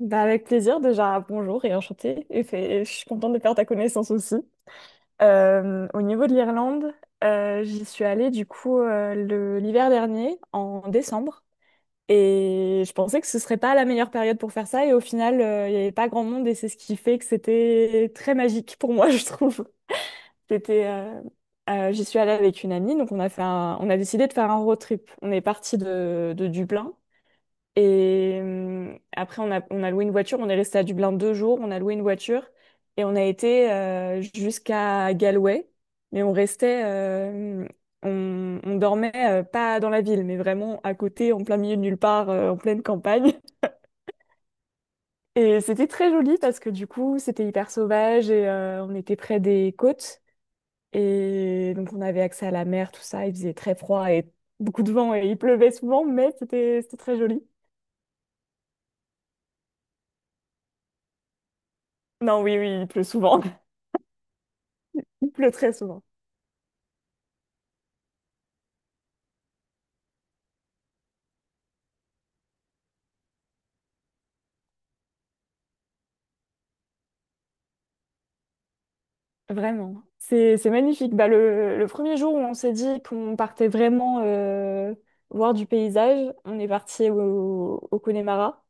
Bah, avec plaisir, déjà bonjour et enchantée. Et je suis contente de faire ta connaissance aussi. Au niveau de l'Irlande, j'y suis allée du coup l'hiver dernier, en décembre. Et je pensais que ce serait pas la meilleure période pour faire ça. Et au final, il n'y avait pas grand monde et c'est ce qui fait que c'était très magique pour moi, je trouve. C'était, euh, j'y suis allée avec une amie, donc on a fait on a décidé de faire un road trip. On est parti de Dublin. Et après, on a loué une voiture. On est resté à Dublin 2 jours. On a loué une voiture et on a été jusqu'à Galway. Mais on restait, on dormait pas dans la ville, mais vraiment à côté, en plein milieu de nulle part, en pleine campagne. Et c'était très joli parce que du coup, c'était hyper sauvage et on était près des côtes. Et donc, on avait accès à la mer, tout ça. Il faisait très froid et beaucoup de vent et il pleuvait souvent, mais c'était très joli. Non, oui, oui, il pleut souvent. Pleut très souvent. Vraiment, c'est magnifique. Bah, le premier jour où on s'est dit qu'on partait vraiment voir du paysage, on est parti au Connemara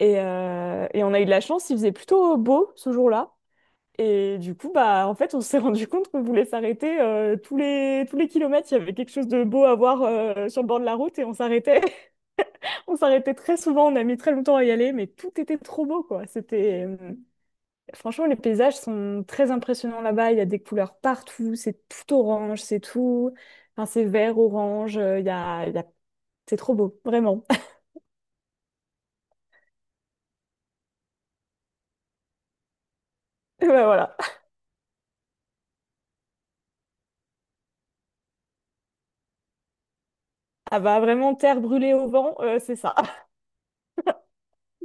et on a eu de la chance, il faisait plutôt beau ce jour-là. Et du coup, bah, en fait, on s'est rendu compte qu'on voulait s'arrêter tous les kilomètres. Il y avait quelque chose de beau à voir sur le bord de la route et on s'arrêtait. On s'arrêtait très souvent. On a mis très longtemps à y aller, mais tout était trop beau, quoi. Franchement, les paysages sont très impressionnants là-bas. Il y a des couleurs partout. C'est tout orange, c'est tout. Enfin, c'est vert, orange. C'est trop beau, vraiment. Et ben voilà. Ah bah vraiment, terre brûlée au vent, c'est ça.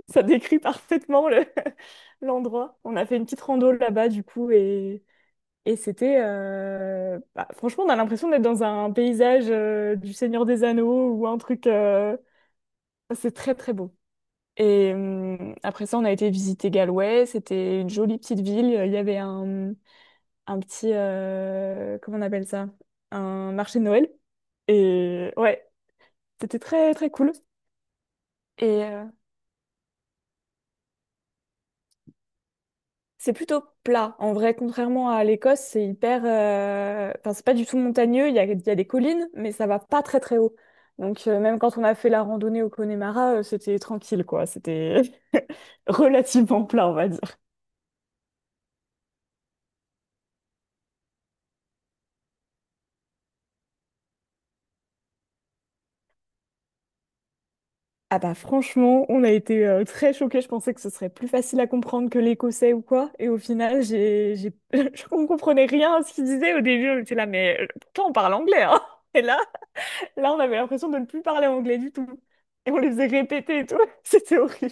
Ça décrit parfaitement l'endroit. On a fait une petite rando là-bas, du coup, et bah, franchement, on a l'impression d'être dans un paysage du Seigneur des Anneaux ou un truc. C'est très, très beau. Et après ça, on a été visiter Galway. C'était une jolie petite ville. Il y avait un petit, comment on appelle ça? Un marché de Noël. Et ouais, c'était très très cool. Et euh, c'est plutôt plat. En vrai, contrairement à l'Écosse, c'est hyper. Enfin, c'est pas du tout montagneux. Il y a des collines, mais ça va pas très très haut. Donc même quand on a fait la randonnée au Connemara, c'était tranquille quoi. C'était relativement plat, on va dire. Ah bah franchement, on a été très choqués. Je pensais que ce serait plus facile à comprendre que l'écossais ou quoi. Et au final, on comprenait rien à ce qu'il disait au début. On était là, mais pourtant on parle anglais, hein. Et là, on avait l'impression de ne plus parler anglais du tout. Et on les faisait répéter et tout. C'était horrible.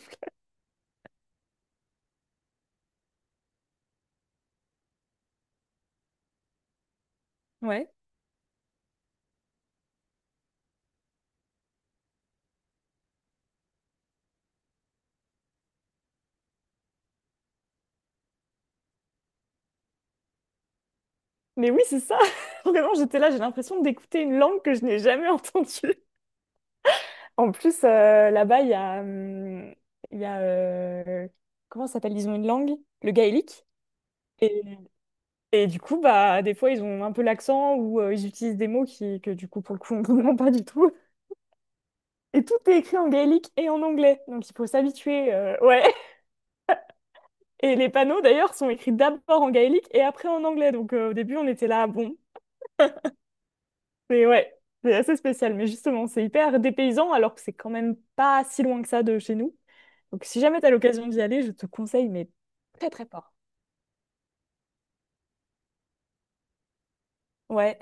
Ouais. Mais oui, c'est ça. Vraiment, j'étais là, j'ai l'impression d'écouter une langue que je n'ai jamais entendue. En plus, là-bas, il y a comment ça s'appelle? Ils ont une langue, le gaélique. Et du coup, bah, des fois, ils ont un peu l'accent ou ils utilisent des mots que du coup, pour le coup, on ne comprend pas du tout. Et tout est écrit en gaélique et en anglais. Donc, il faut s'habituer. Ouais. Et les panneaux, d'ailleurs, sont écrits d'abord en gaélique et après en anglais. Donc, au début, on était là, bon. Mais ouais, c'est assez spécial. Mais justement, c'est hyper dépaysant alors que c'est quand même pas si loin que ça de chez nous. Donc, si jamais t'as l'occasion d'y aller, je te conseille, mais très, très fort. Ouais.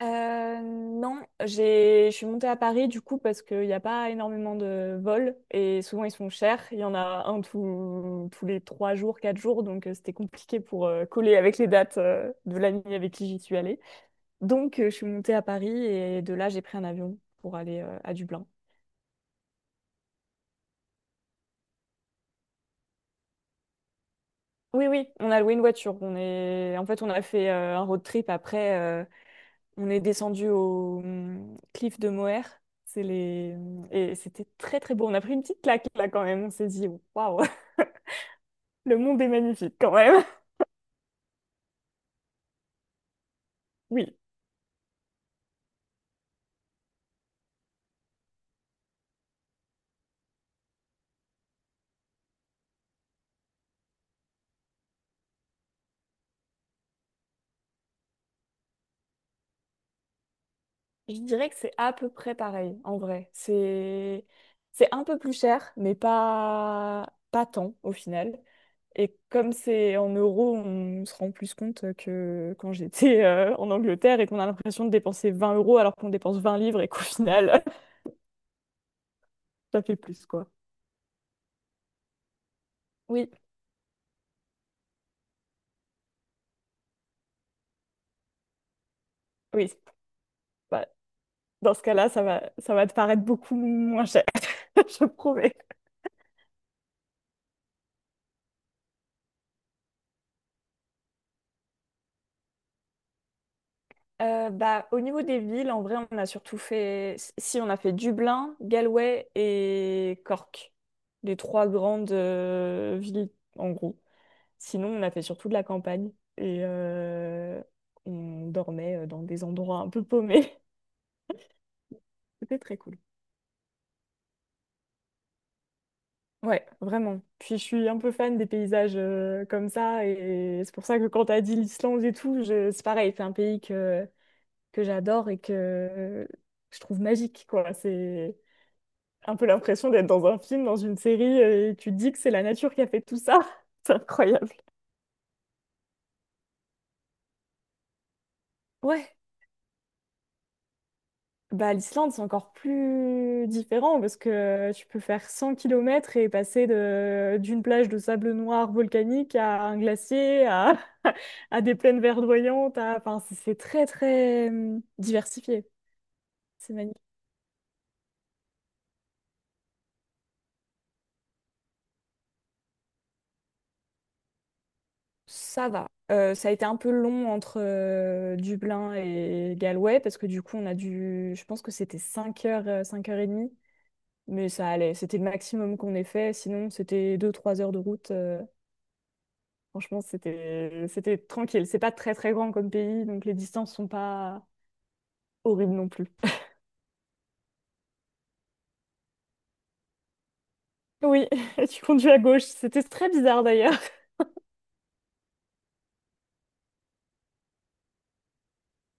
Non, je suis montée à Paris du coup parce qu'il n'y a pas énormément de vols et souvent ils sont chers. Il y en a un tous les 3 jours, 4 jours, donc c'était compliqué pour coller avec les dates de l'ami avec qui j'y suis allée. Donc je suis montée à Paris et de là j'ai pris un avion pour aller à Dublin. Oui, oui, on a loué une voiture. En fait, on a fait un road trip après. On est descendu au cliff de Moher. Et c'était très très beau. On a pris une petite claque là quand même. On s'est dit, waouh, le monde est magnifique quand même. Oui, je dirais que c'est à peu près pareil en vrai. C'est un peu plus cher, mais pas tant au final. Et comme c'est en euros, on se rend plus compte que quand j'étais en Angleterre et qu'on a l'impression de dépenser 20 € alors qu'on dépense 20 livres et qu'au final, ça fait plus quoi. Oui, oui. Bah, dans ce cas-là, ça va te paraître beaucoup moins cher, je promets. Bah, au niveau des villes, en vrai, on a surtout fait... Si, si, on a fait Dublin, Galway et Cork. Les trois grandes villes, en gros. Sinon, on a fait surtout de la campagne. Et euh, on dormait dans des endroits un peu paumés. C'était très cool. Ouais, vraiment. Puis je suis un peu fan des paysages comme ça. Et c'est pour ça que quand t'as dit l'Islande et tout, c'est pareil. C'est un pays que j'adore et que je trouve magique, quoi. C'est un peu l'impression d'être dans un film, dans une série, et tu te dis que c'est la nature qui a fait tout ça. C'est incroyable. Ouais, bah l'Islande, c'est encore plus différent parce que tu peux faire 100 km et passer de d'une plage de sable noir volcanique à un glacier, à des plaines verdoyantes. Enfin, c'est très, très diversifié. C'est magnifique. Ça va. Ça a été un peu long entre Dublin et Galway parce que du coup, on a dû. Je pense que c'était 5 heures, 5 heures et demie, mais ça allait. C'était le maximum qu'on ait fait. Sinon, c'était deux trois heures de route. Franchement, c'était tranquille. C'est pas très très grand comme pays, donc les distances sont pas horribles non plus. Oui, tu conduis à gauche. C'était très bizarre d'ailleurs.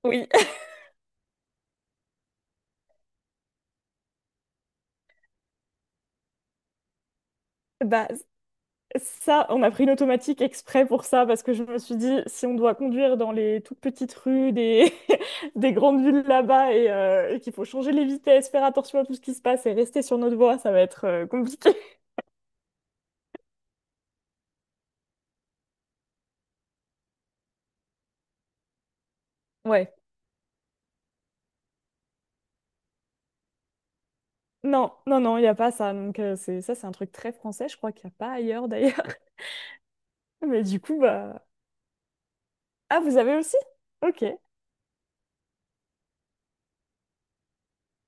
Oui. Bah, ça, on a pris une automatique exprès pour ça, parce que je me suis dit, si on doit conduire dans les toutes petites rues des grandes villes là-bas et qu'il faut changer les vitesses, faire attention à tout ce qui se passe et rester sur notre voie, ça va être compliqué. Ouais. Non, non, non, il n'y a pas ça. Donc, ça, c'est un truc très français. Je crois qu'il n'y a pas ailleurs d'ailleurs. Mais du coup, bah. Ah, vous avez aussi? Ok.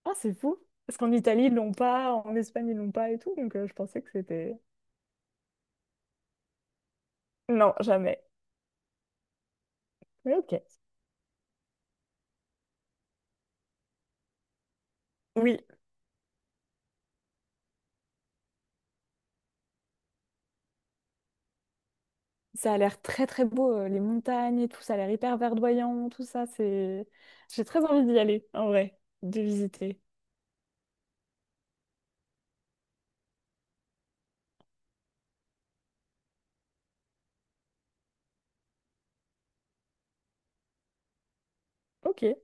Ah, c'est fou. Parce qu'en Italie, ils l'ont pas, en Espagne, ils l'ont pas et tout. Donc, je pensais que c'était. Non, jamais. Mais ok. Oui, ça a l'air très très beau, les montagnes et tout, ça a l'air hyper verdoyant, tout ça. J'ai très envie d'y aller, en vrai, de visiter. Ok. Ok.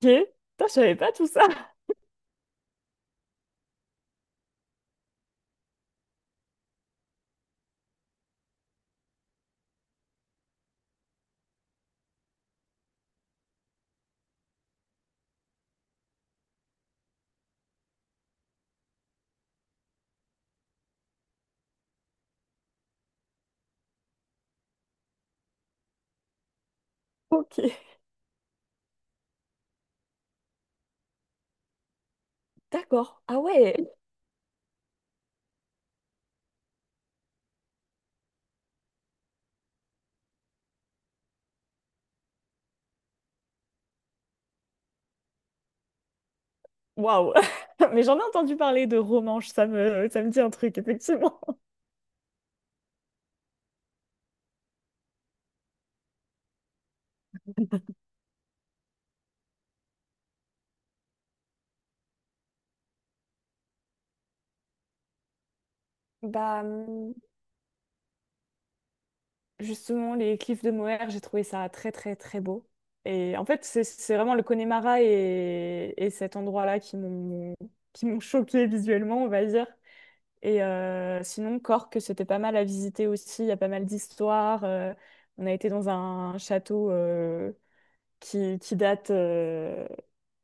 Putain, je savais pas tout ça. Ok. D'accord. Ah ouais. Waouh. Mais j'en ai entendu parler de Romanche, ça me dit un truc, effectivement. Bah, justement, les cliffs de Moher, j'ai trouvé ça très très très beau. Et en fait, c'est vraiment le Connemara et cet endroit-là qui m'ont choqué visuellement, on va dire. Sinon, Cork, c'était pas mal à visiter aussi. Il y a pas mal d'histoires. On a été dans un château qui date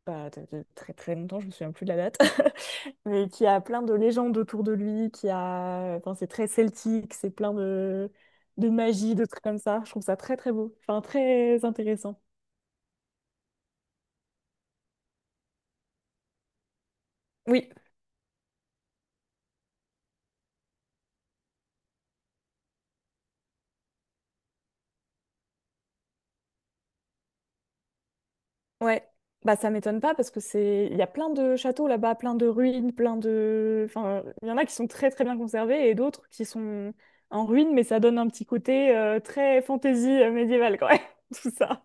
bah, de très très longtemps, je me souviens plus de la date, mais qui a plein de légendes autour de lui. Enfin, c'est très celtique, c'est plein de magie, de trucs comme ça. Je trouve ça très très beau, enfin très intéressant. Oui. Ouais, bah ça m'étonne pas parce que c'est il y a plein de châteaux là-bas, plein de ruines, plein de enfin il y en a qui sont très très bien conservés et d'autres qui sont en ruine mais ça donne un petit côté très fantaisie médiévale quand même, tout ça.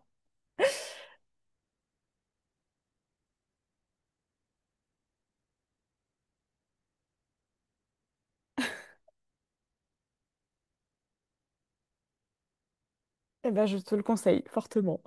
Eh ben je te le conseille fortement.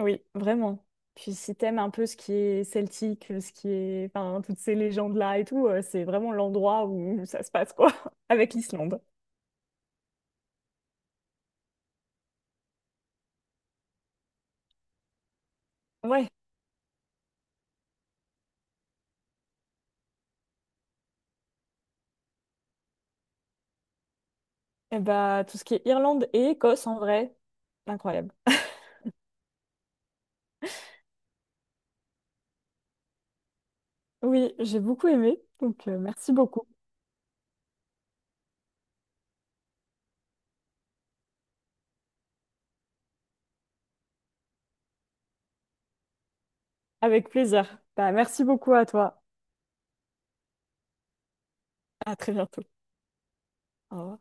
Oui, vraiment. Puis si t'aimes un peu ce qui est celtique, ce qui est enfin toutes ces légendes là et tout, c'est vraiment l'endroit où ça se passe quoi avec l'Islande. Ouais. Eh ben tout ce qui est Irlande et Écosse en vrai, incroyable. Oui, j'ai beaucoup aimé, donc merci beaucoup. Avec plaisir. Bah, merci beaucoup à toi. À très bientôt. Au revoir.